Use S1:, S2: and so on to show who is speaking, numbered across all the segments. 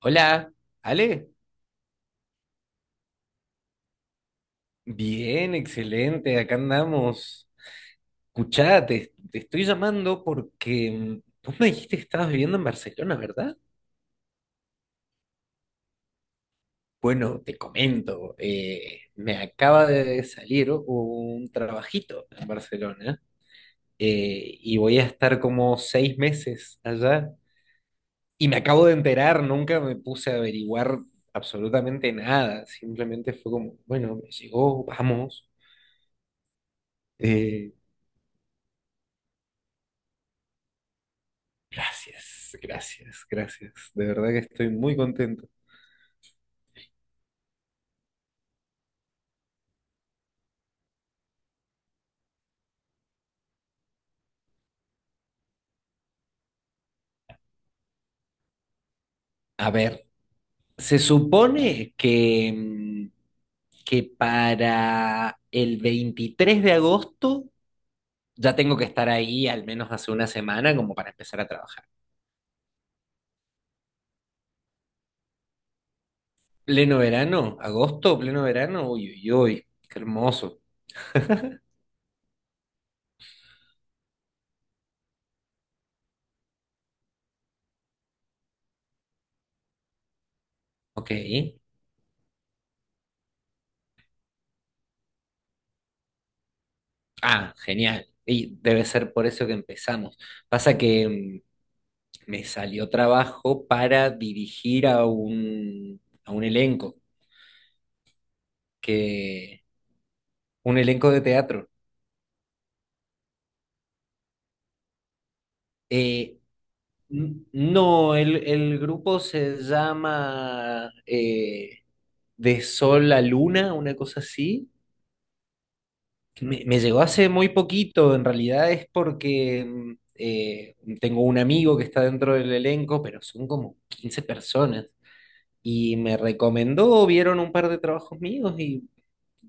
S1: Hola, Ale. Bien, excelente, acá andamos. Escuchá, te estoy llamando porque vos me dijiste que estabas viviendo en Barcelona, ¿verdad? Bueno, te comento, me acaba de salir un trabajito en Barcelona y voy a estar como 6 meses allá. Y me acabo de enterar, nunca me puse a averiguar absolutamente nada, simplemente fue como, bueno, me llegó, vamos. Eh, Gracias, gracias, gracias. De verdad que estoy muy contento. A ver, se supone que, que para el 23 de agosto ya tengo que estar ahí al menos hace una semana como para empezar a trabajar. Pleno verano, agosto, pleno verano, uy, uy, uy, qué hermoso. Ok. Ah, genial. Y debe ser por eso que empezamos. Pasa que me salió trabajo para dirigir a a un elenco. Que un elenco de teatro. Eh, no, el grupo se llama De Sol a Luna, una cosa así. Me llegó hace muy poquito, en realidad es porque tengo un amigo que está dentro del elenco, pero son como 15 personas. Y me recomendó, vieron un par de trabajos míos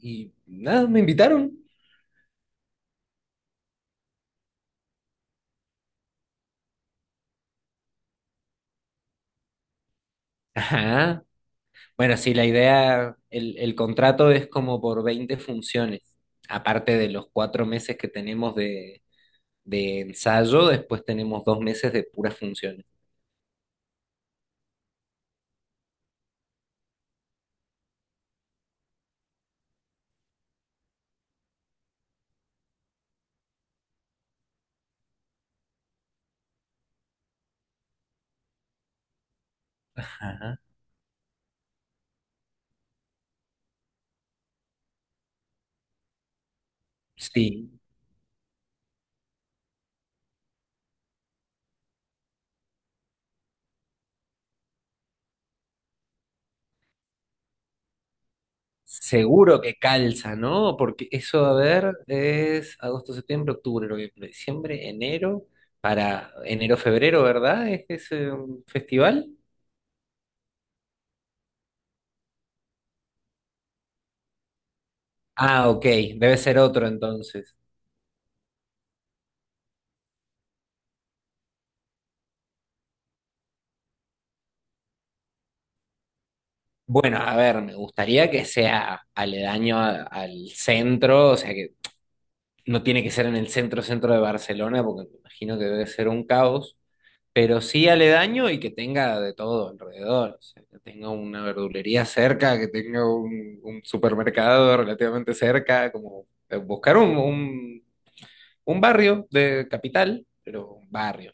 S1: y nada, me invitaron. Ajá. Bueno, sí, la idea, el contrato es como por 20 funciones. Aparte de los 4 meses que tenemos de ensayo, después tenemos 2 meses de puras funciones. Ajá. Sí, seguro que calza, ¿no? Porque eso, a ver, es agosto, septiembre, octubre, noviembre, diciembre, enero, para enero, febrero, ¿verdad? ¿Es ese festival? Ah, ok, debe ser otro entonces. Bueno, a ver, me gustaría que sea aledaño al centro, o sea que no tiene que ser en el centro centro de Barcelona, porque me imagino que debe ser un caos, pero sí aledaño y que tenga de todo alrededor, o sea, que tenga una verdulería cerca, que tenga un supermercado relativamente cerca, como buscar un barrio de capital, pero un barrio.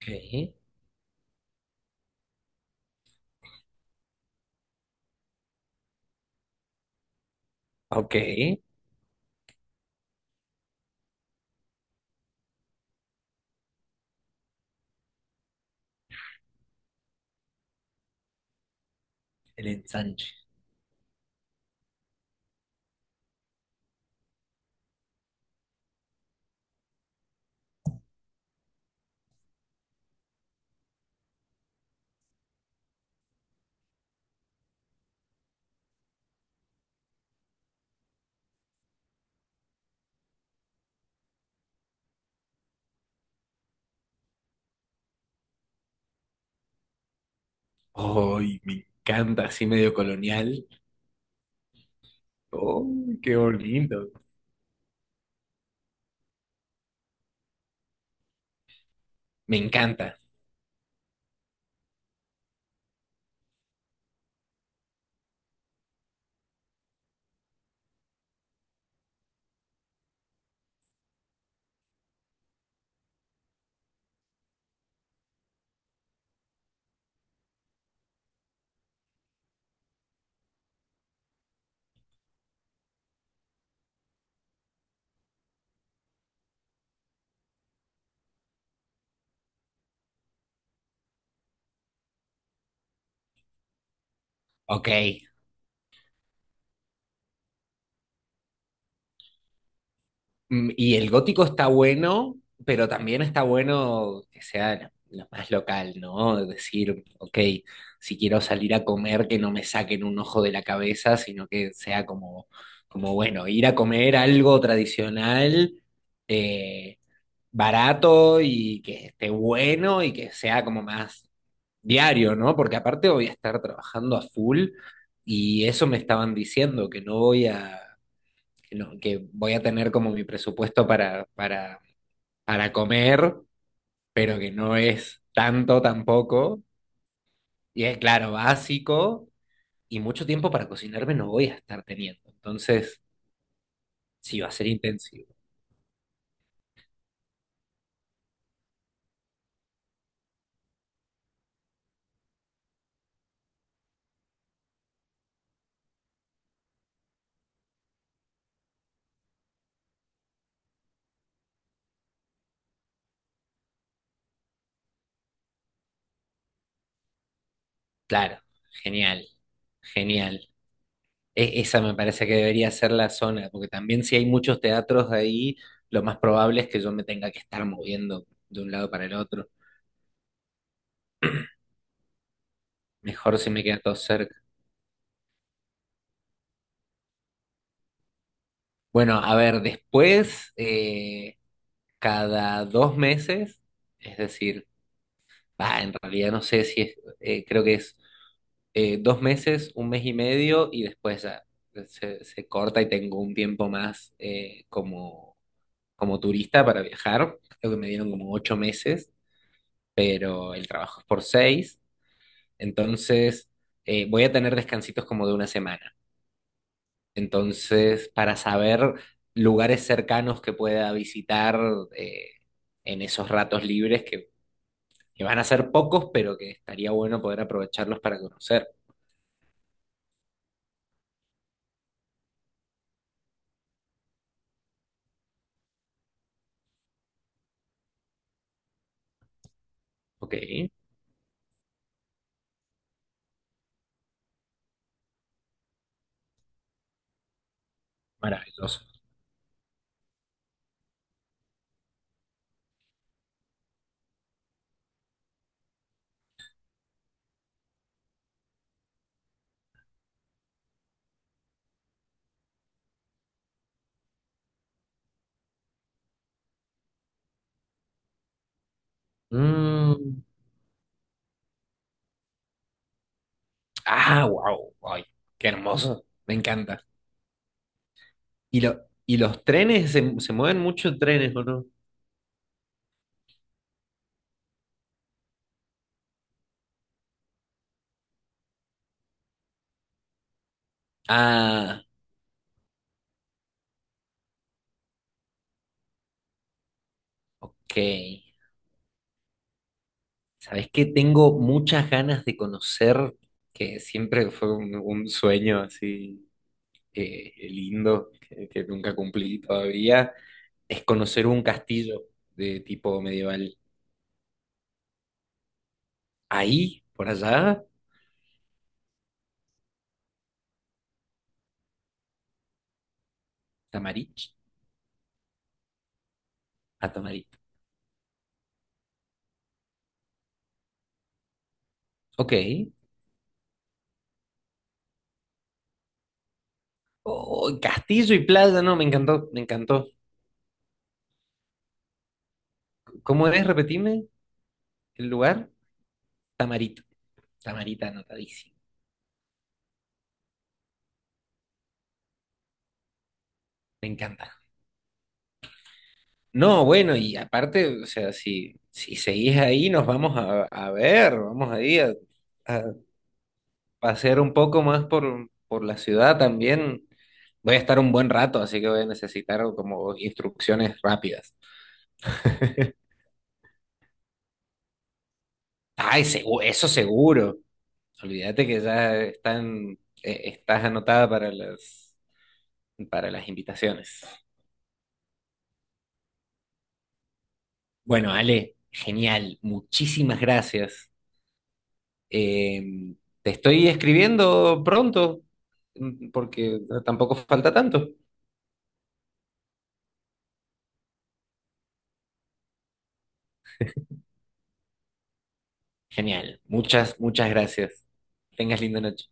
S1: Ok, ok, el ensanche. Ay, me encanta, así medio colonial. Oh, qué bonito. Me encanta. Ok. Mm, y el gótico está bueno, pero también está bueno que sea lo más local, ¿no? Es decir, ok, si quiero salir a comer, que no me saquen un ojo de la cabeza, sino que sea como, como bueno, ir a comer algo tradicional, eh, barato y que esté bueno y que sea como más diario, ¿no? Porque aparte voy a estar trabajando a full y eso me estaban diciendo, que no voy a, que, no- que voy a tener como mi presupuesto para comer, pero que no es tanto tampoco. Y es claro, básico y mucho tiempo para cocinarme no voy a estar teniendo. Entonces, sí, va a ser intensivo. Claro, genial, genial. Esa me parece que debería ser la zona, porque también si hay muchos teatros ahí, lo más probable es que yo me tenga que estar moviendo de un lado para el otro. Mejor si me queda todo cerca. Bueno, a ver, después, cada 2 meses, es decir, bah, en realidad no sé si es, creo que es 2 meses, un mes y medio, y después ya se corta y tengo un tiempo más como, como turista para viajar. Creo que me dieron como 8 meses. Pero el trabajo es por 6, entonces voy a tener descansitos como de una semana. Entonces, para saber lugares cercanos que pueda visitar eh, en esos ratos libres que van a ser pocos, pero que estaría bueno poder aprovecharlos para conocer. Ok, maravilloso. Mm, ah, wow, ay, qué hermoso, me encanta. ¿Y, lo, y los trenes, se mueven muchos trenes, ¿o no? Ah, ok. Sabes que tengo muchas ganas de conocer, que siempre fue un sueño así lindo, que nunca cumplí todavía, es conocer un castillo de tipo medieval. Ahí, por allá, Tamarich, a Tamarit. Ok. Oh, castillo y playa, no, me encantó, me encantó. ¿Cómo es? Repetime el lugar. Tamarit, Tamarita, anotadísimo. Me encanta. No, bueno, y aparte, o sea, si seguís ahí, nos vamos a ver, vamos ahí a pasear un poco más por la ciudad también. Voy a estar un buen rato, así que voy a necesitar como instrucciones rápidas. Ay, eso seguro. Olvídate que ya están, estás anotada para las invitaciones. Bueno, Ale, genial. Muchísimas gracias. Eh, te estoy escribiendo pronto, porque tampoco falta tanto. Genial, muchas, muchas gracias. Tengas linda noche.